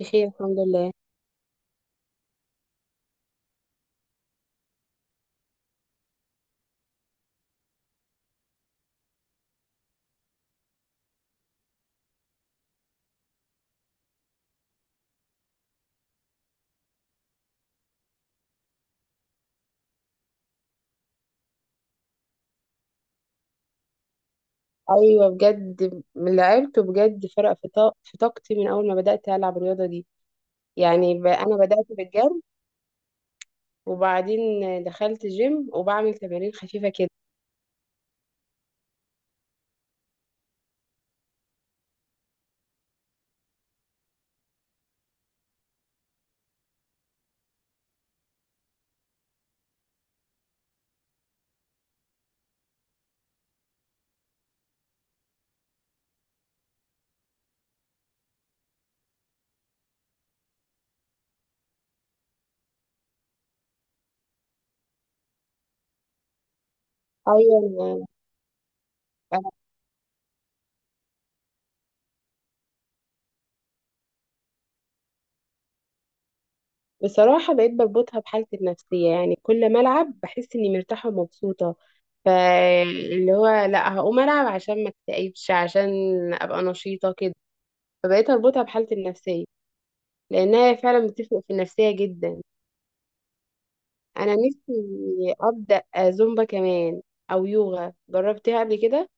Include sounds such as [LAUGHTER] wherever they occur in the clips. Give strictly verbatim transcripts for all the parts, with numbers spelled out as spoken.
بخير الحمد لله. ايوه بجد اللي عرفته بجد فرق في طا- في طاقتي من اول ما بدات العب الرياضه دي. يعني ب... انا بدات بالجري، وبعدين دخلت جيم وبعمل تمارين خفيفه كده. ايوه أنا- أنا بصراحه بقيت بربطها بحالتي النفسيه، يعني كل ما العب بحس اني مرتاحه ومبسوطه. فاللي هو لا، هقوم العب عشان ما اكتئبش، عشان ابقى نشيطه كده. فبقيت اربطها بحالتي النفسيه، لانها فعلا بتفرق في النفسيه جدا. انا نفسي ابدا زومبا كمان، او يوغا جربتها قبل كده.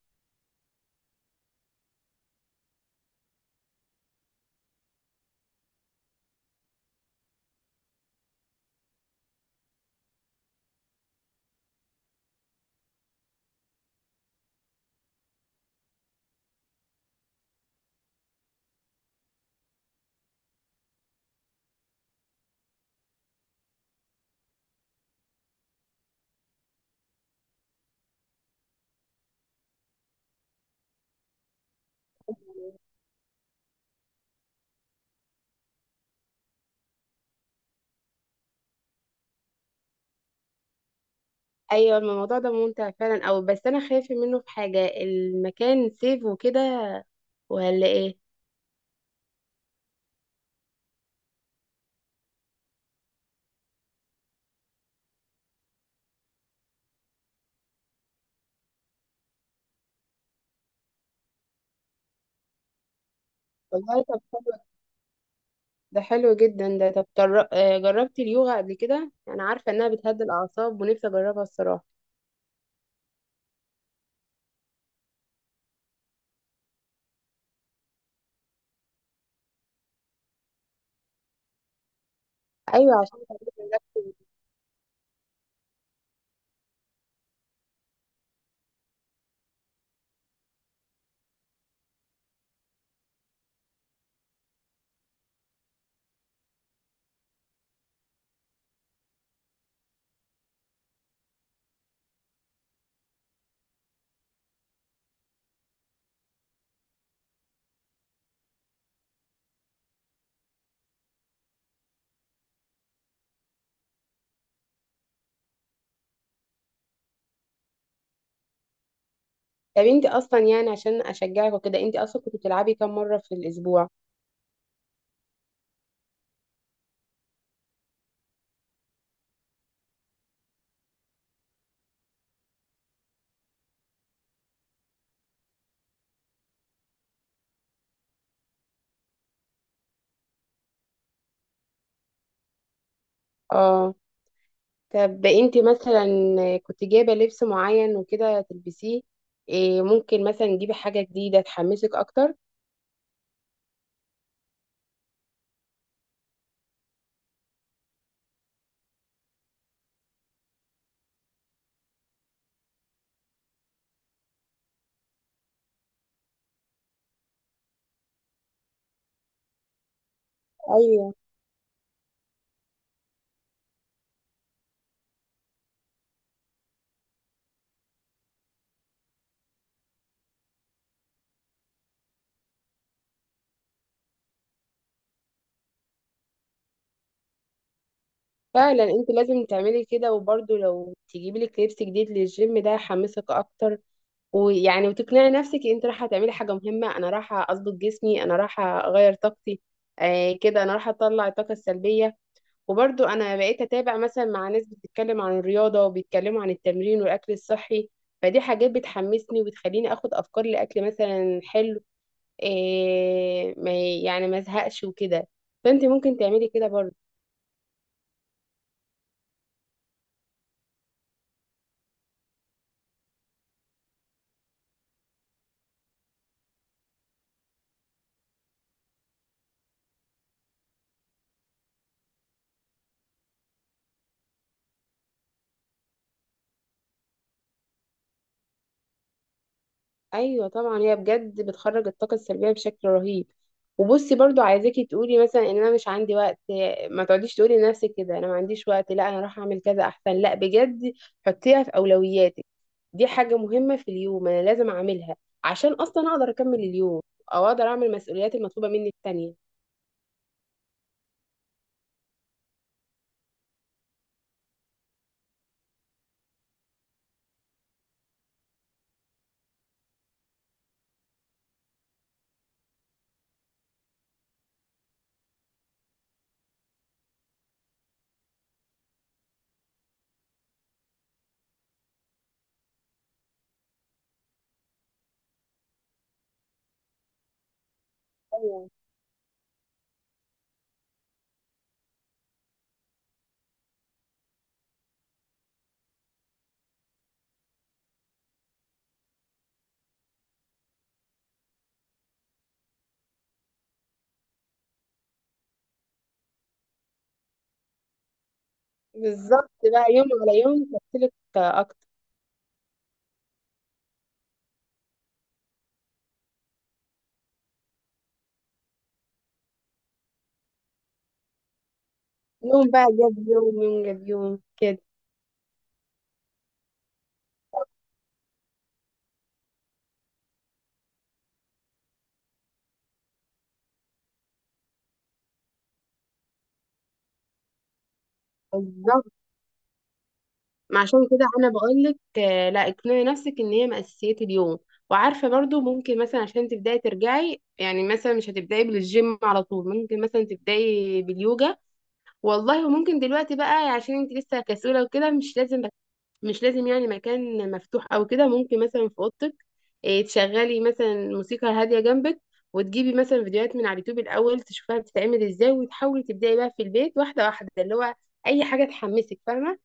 ايوه الموضوع ده ممتع فعلا، او بس انا خايفه منه في حاجه، المكان سيف وكده ولا ايه؟ والله طب حلو، ده حلو جدا. ده طب جر- آه، جربتي اليوغا قبل كده؟ انا عارفه انها بتهدي الاعصاب، ونفسي اجربها الصراحه. ايوه عشان تعملي relaxing. طب انت اصلا يعني عشان اشجعك وكده، انت اصلا كنت بتلعبي كام مره في الاسبوع؟ اه طب انت مثلا كنت جايبة لبس معين وكده تلبسيه؟ إيه، ممكن مثلا تجيبي حاجة جديدة تحمسك اكتر؟ ايوه فعلا، انت لازم تعملي كده، وبرضه لو تجيبي لك لبس جديد للجيم ده يحمسك اكتر. ويعني وتقنعي نفسك انت رايحة تعملي حاجة مهمة، انا رايحة اظبط جسمي، انا رايحة اغير طاقتي، آه كده انا رايحة اطلع الطاقة السلبية. وبرضو انا بقيت اتابع مثلا مع ناس بتتكلم عن الرياضه، وبيتكلموا عن التمرين والاكل الصحي. فدي حاجات بتحمسني وبتخليني اخد افكار لاكل مثلا حلو، إيه ما يعني ما ازهقش وكده. فانت ممكن تعملي كده برضو. ايوه طبعا، هي بجد بتخرج الطاقه السلبيه بشكل رهيب. وبصي برضو، عايزاكي تقولي مثلا ان انا مش عندي وقت، ما تقعديش تقولي لنفسك كده انا ما عنديش وقت، لا انا راح اعمل كذا احسن، لا بجد. حطيها في اولوياتك، دي حاجه مهمه في اليوم، انا لازم اعملها عشان اصلا اقدر اكمل اليوم، او اقدر اعمل المسؤوليات المطلوبه مني التانية. ايوه بالظبط، بقى يوم على يوم تفصلك اكتر، يوم بقى جاب يوم، يوم جاب يوم كده. بالظبط، ما عشان كده انا بقول لك آه، لا، اقنعي نفسك ان هي من اساسيات اليوم. وعارفه برضو، ممكن مثلا عشان تبداي ترجعي، يعني مثلا مش هتبداي بالجيم على طول، ممكن مثلا تبداي باليوجا. والله وممكن دلوقتي بقى، عشان انت لسه كسوله وكده، مش لازم مش لازم يعني مكان مفتوح او كده، ممكن مثلا في اوضتك، إيه، تشغلي مثلا موسيقى هاديه جنبك. وتجيبي مثلا فيديوهات من على اليوتيوب الاول، تشوفها بتتعمل ازاي، وتحاولي تبداي بقى في البيت، واحده واحده، اللي هو اي حاجه تحمسك، فاهمه؟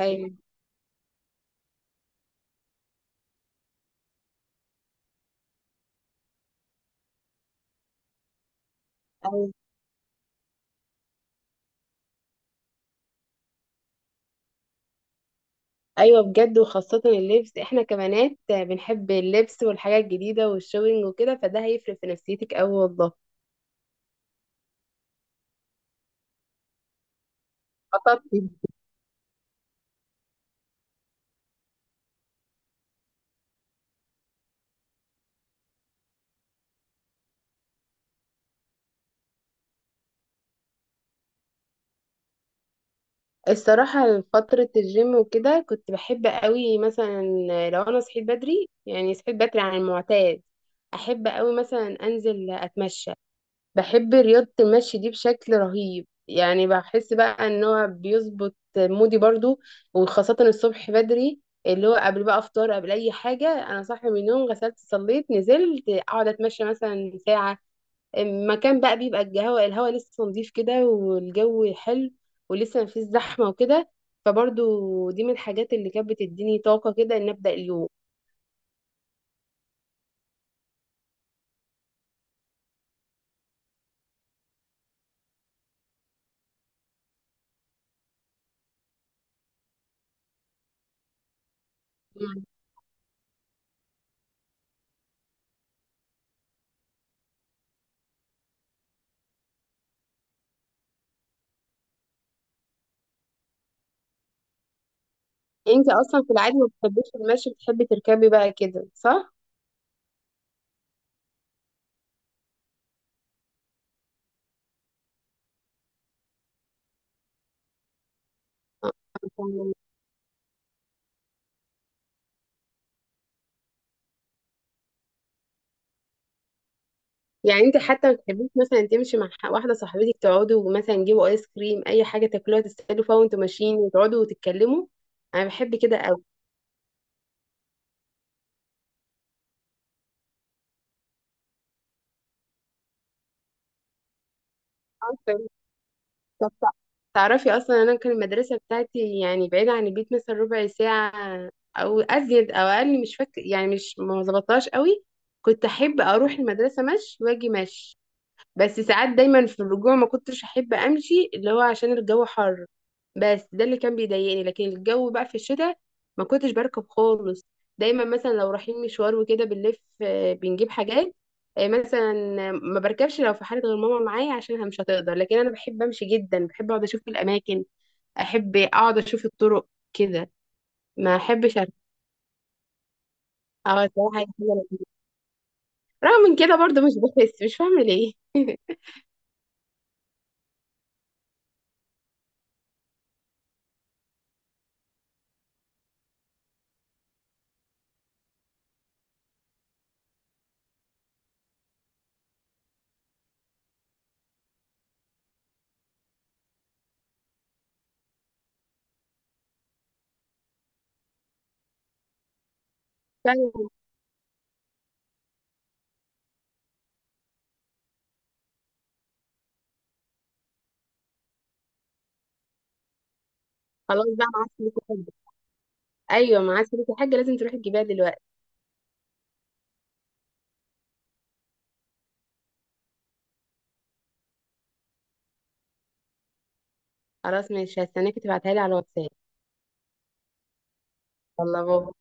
ايوه. ايوه بجد، وخاصة اللبس، احنا كبنات بنحب اللبس والحاجات الجديدة والشوينج وكده، فده هيفرق في نفسيتك اوي والله. خطط. الصراحة فترة الجيم وكده كنت بحب قوي مثلا لو انا صحيت بدري، يعني صحيت بدري عن المعتاد، احب قوي مثلا انزل اتمشى. بحب رياضة المشي دي بشكل رهيب، يعني بحس بقى ان هو بيظبط مودي برضو، وخاصة الصبح بدري، اللي هو قبل بقى افطار، قبل اي حاجة، انا صاحي من النوم، غسلت، صليت، نزلت اقعد اتمشى مثلا ساعة. مكان بقى بيبقى الهواء الهواء لسه نظيف كده، والجو حلو، ولسه مفيش زحمة وكده. فبرضو دي من الحاجات اللي كانت بتديني طاقة كده، ان ابدأ اليوم. انت اصلا في العادي ما بتحبيش المشي، بتحبي تركبي بقى كده صح؟ يعني انت حتى ما بتحبيش مثلا تمشي مع ح- واحده صاحبتك، تقعدوا مثلا تجيبوا ايس كريم، اي حاجه تاكلوها تستهلوا فيها وانتوا ماشيين، وتقعدوا وتتكلموا؟ انا بحب كده قوي. عارفة. طب تع- تعرفي اصلا، انا كان المدرسه بتاعتي يعني بعيده عن البيت مثلا ربع ساعه، او ازيد او اقل، مش فاكر، يعني مش ما ظبطتهاش قوي. كنت احب اروح المدرسه مشي واجي مشي، بس ساعات دايما في الرجوع ما كنتش احب امشي، اللي هو عشان الجو حر، بس ده اللي كان بيضايقني. لكن الجو بقى في الشتاء ما كنتش بركب خالص. دايما مثلا لو رايحين مشوار وكده بنلف، آه، بنجيب حاجات، آه، مثلا ما بركبش، لو في حالة غير ماما معايا عشان مش هتقدر. لكن انا بحب امشي جدا، بحب اقعد اشوف الاماكن، احب اقعد اشوف الطرق كده. ما احبش أركب. اه صراحة هي حاجة لذيذة. رغم من كده برضه مش بحس، مش فاهمة ليه. [LAUGHS] فعلا. خلاص بقى معاك؟ ايوه معاك فلوس، يا حاجه لازم تروحي تجيبيها دلوقتي. خلاص ماشي، هستناكي تبعتها لي على الواتساب. يلا بابا.